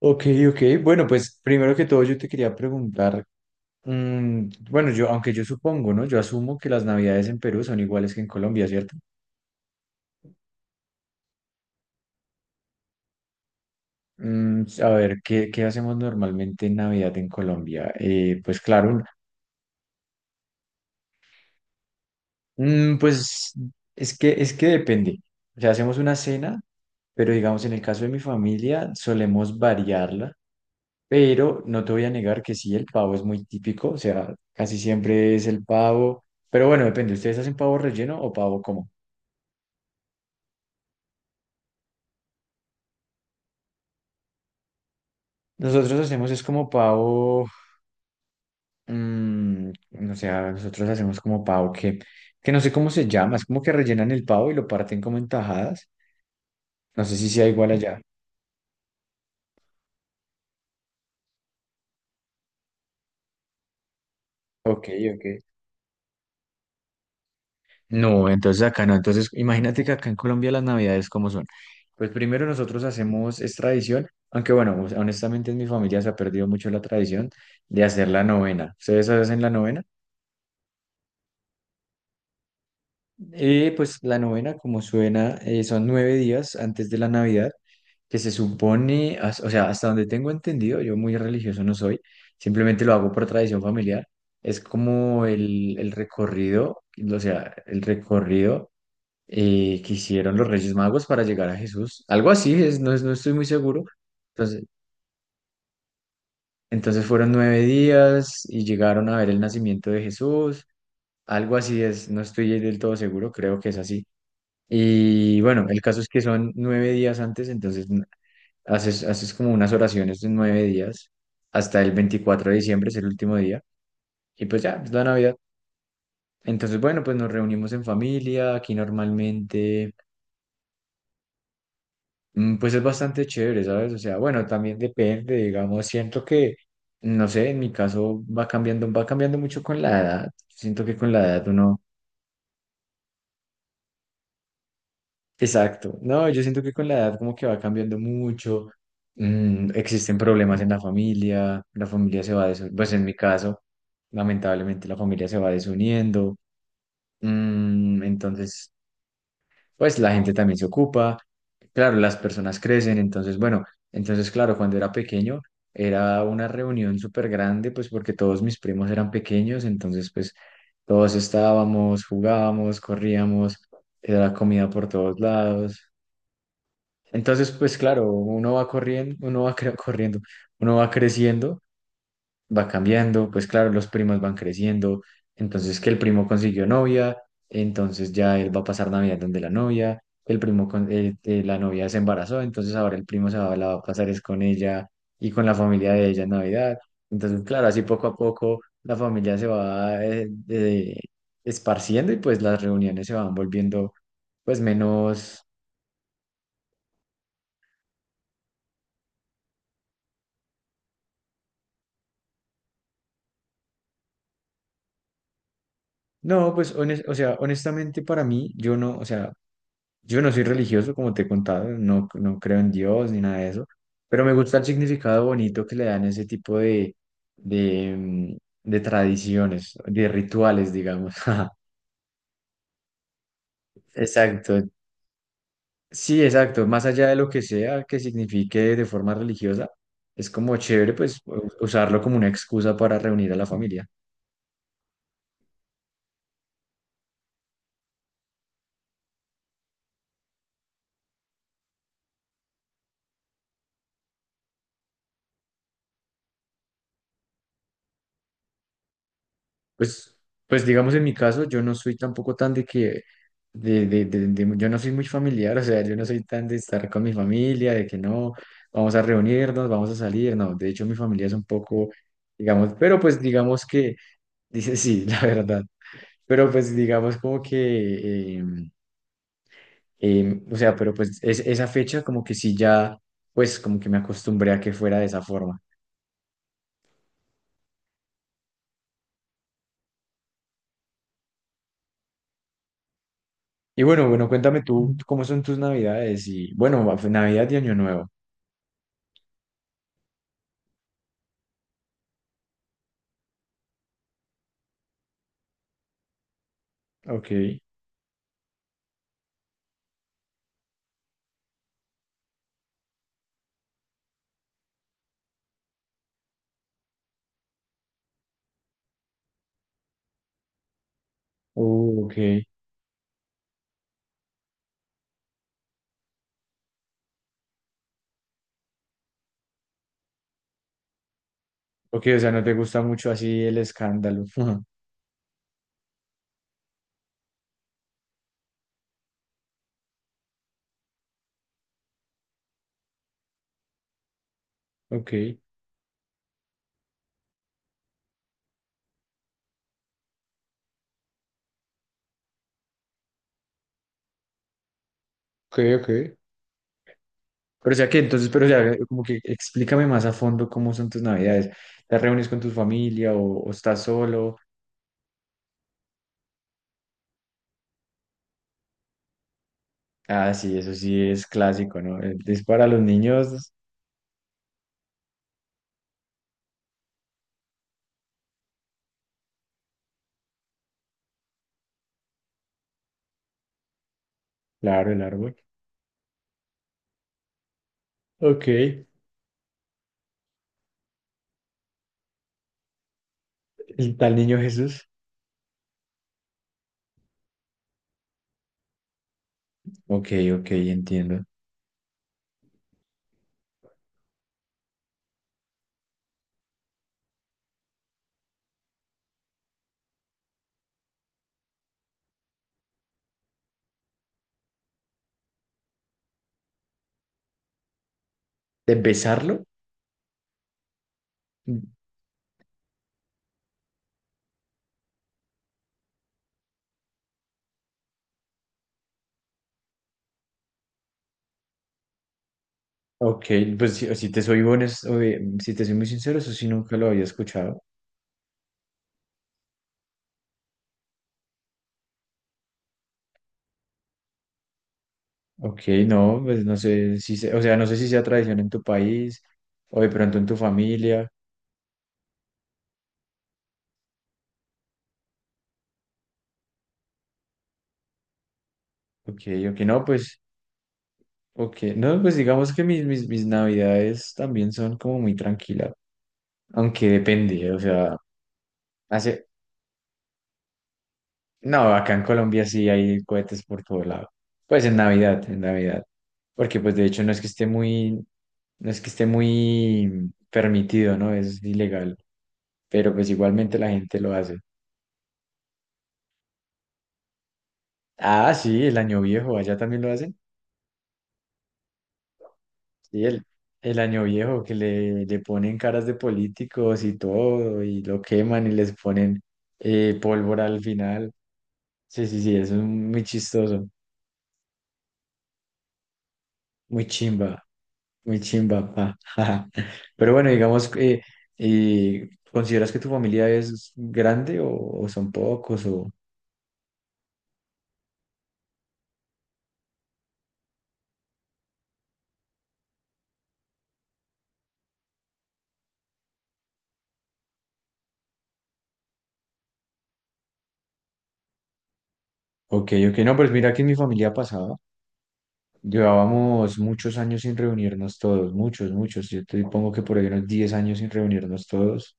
Ok, ok. Bueno, pues primero que todo yo te quería preguntar, mm, bueno, yo, aunque yo supongo, ¿no? Yo asumo que las navidades en Perú son iguales que en Colombia, ¿cierto? A ver, ¿qué hacemos normalmente en Navidad en Colombia? Pues claro, pues es que depende. O sea, hacemos una cena, pero digamos, en el caso de mi familia, solemos variarla, pero no te voy a negar que sí, el pavo es muy típico, o sea, casi siempre es el pavo, pero bueno, depende, ¿ustedes hacen pavo relleno o pavo como? Nosotros hacemos es como pavo, mm, o sea, nosotros hacemos como pavo que no sé cómo se llama, es como que rellenan el pavo y lo parten como en tajadas. No sé si sea igual allá. Ok, ok. No, entonces acá no. Entonces, imagínate que acá en Colombia las navidades cómo son. Pues primero nosotros hacemos es tradición, aunque bueno, honestamente en mi familia se ha perdido mucho la tradición de hacer la novena. ¿Ustedes hacen la novena? Pues la novena, como suena, son nueve días antes de la Navidad, que se supone, o sea, hasta donde tengo entendido, yo muy religioso no soy, simplemente lo hago por tradición familiar, es como el recorrido, o sea, el recorrido que hicieron los Reyes Magos para llegar a Jesús, algo así, es, no, no estoy muy seguro. Entonces, fueron 9 días y llegaron a ver el nacimiento de Jesús, algo así es, no estoy del todo seguro, creo que es así. Y bueno, el caso es que son 9 días antes, entonces haces como unas oraciones de 9 días hasta el 24 de diciembre, es el último día, y pues ya, es la Navidad. Entonces, bueno, pues nos reunimos en familia, aquí normalmente, pues es bastante chévere, ¿sabes? O sea, bueno, también depende, digamos, siento que, no sé, en mi caso va cambiando mucho con la edad. Siento que con la edad uno. Exacto. No, yo siento que con la edad como que va cambiando mucho. Existen problemas en la familia se va desuniendo. Pues en mi caso, lamentablemente la familia se va desuniendo. Entonces, pues la gente también se ocupa. Claro, las personas crecen. Entonces, bueno, entonces, claro, cuando era pequeño era una reunión súper grande, pues porque todos mis primos eran pequeños. Entonces, pues todos estábamos, jugábamos, corríamos, era comida por todos lados. Entonces, pues claro, uno va corriendo, uno va corriendo, uno va creciendo, va cambiando, pues claro, los primos van creciendo, entonces que el primo consiguió novia, entonces ya él va a pasar Navidad donde la novia, el primo con, la novia se embarazó, entonces ahora el primo se va, la va a pasar es con ella y con la familia de ella en Navidad. Entonces, claro, así poco a poco la familia se va esparciendo y pues las reuniones se van volviendo pues menos. No, pues, o sea, honestamente para mí, yo no, o sea, yo no soy religioso, como te he contado, no, no creo en Dios ni nada de eso, pero me gusta el significado bonito que le dan ese tipo de, mm, de tradiciones, de rituales, digamos. Exacto. Sí, exacto. Más allá de lo que sea que signifique de forma religiosa, es como chévere, pues, usarlo como una excusa para reunir a la familia. Pues, pues digamos en mi caso, yo no soy tampoco tan de que, de, yo no soy muy familiar, o sea, yo no soy tan de estar con mi familia, de que no, vamos a reunirnos, vamos a salir, no, de hecho mi familia es un poco, digamos, pero pues digamos que, dice sí, la verdad. Pero pues digamos como que, o sea, pero pues esa fecha como que sí ya, pues como que me acostumbré a que fuera de esa forma. Y bueno, cuéntame tú. Mm. ¿Cómo son tus navidades? Y bueno, Navidad y Año Nuevo. Ok. Ok. Ok, o sea, no te gusta mucho así el escándalo. Ujú. Ok. Ok, ok. Pero o sea que entonces, pero o sea, como que explícame más a fondo cómo son tus navidades. ¿Te reúnes con tu familia o estás solo? Ah, sí, eso sí es clásico, ¿no? Es para los niños, claro, el árbol. Ok. El tal niño Jesús. Ok, ok, entiendo. ¿De besarlo? Mm, Ok, pues si te soy muy sincero, eso sí nunca lo había escuchado. Ok, no, pues no sé o sea, no sé si sea tradición en tu país o de pronto en tu familia. Ok, ok, no, pues, ok, no, pues digamos que mis navidades también son como muy tranquilas, aunque depende, o sea, hace, no, acá en Colombia sí hay cohetes por todo lado. Pues en Navidad, porque pues de hecho no es que esté muy, no es que esté muy permitido, ¿no? Es ilegal, pero pues igualmente la gente lo hace. Ah, sí, el año viejo, allá también lo hacen. Sí, el año viejo que le ponen caras de políticos y todo, y lo queman y les ponen pólvora al final. Sí, sí, sí, eso es muy chistoso, muy chimba, muy chimba, pa. Pero bueno, digamos, que, ¿consideras que tu familia es grande o son pocos? O, ok, ok, no, pues mira que en mi familia pasaba. Llevábamos muchos años sin reunirnos todos, muchos, muchos. Yo te pongo que por ahí unos 10 años sin reunirnos todos.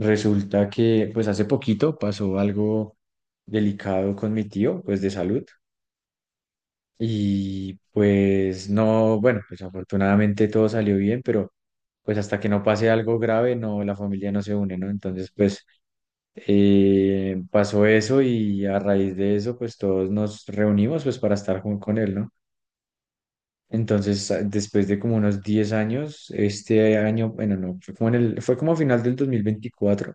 Resulta que, pues hace poquito pasó algo delicado con mi tío, pues de salud. Y pues no, bueno, pues afortunadamente todo salió bien, pero pues hasta que no pase algo grave, no, la familia no se une, ¿no? Entonces, pues pasó eso y a raíz de eso, pues todos nos reunimos pues para estar con él, ¿no? Entonces, después de como unos 10 años, este año, bueno, no, fue como a final del 2024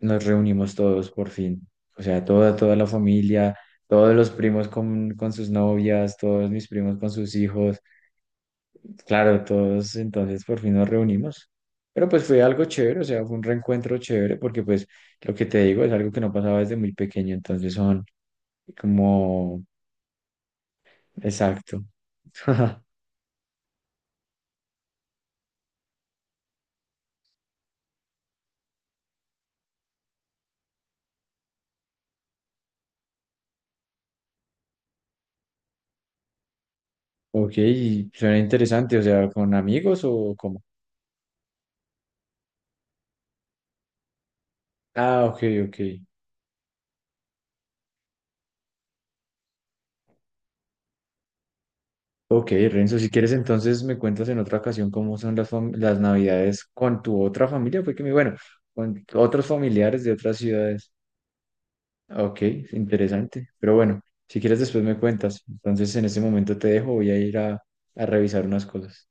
nos reunimos todos por fin. O sea, toda la familia, todos los primos con sus novias, todos mis primos con sus hijos. Claro, todos entonces por fin nos reunimos. Pero pues fue algo chévere, o sea, fue un reencuentro chévere porque pues lo que te digo es algo que no pasaba desde muy pequeño, entonces son como, exacto. Ok, suena interesante, o sea, ¿con amigos o cómo? Ah, ok, ok. Ok, Renzo, si quieres entonces me cuentas en otra ocasión cómo son las navidades con tu otra familia, fue que me, bueno, con otros familiares de otras ciudades. Ok, interesante, pero bueno, si quieres después me cuentas. Entonces en este momento te dejo, voy a ir a revisar unas cosas.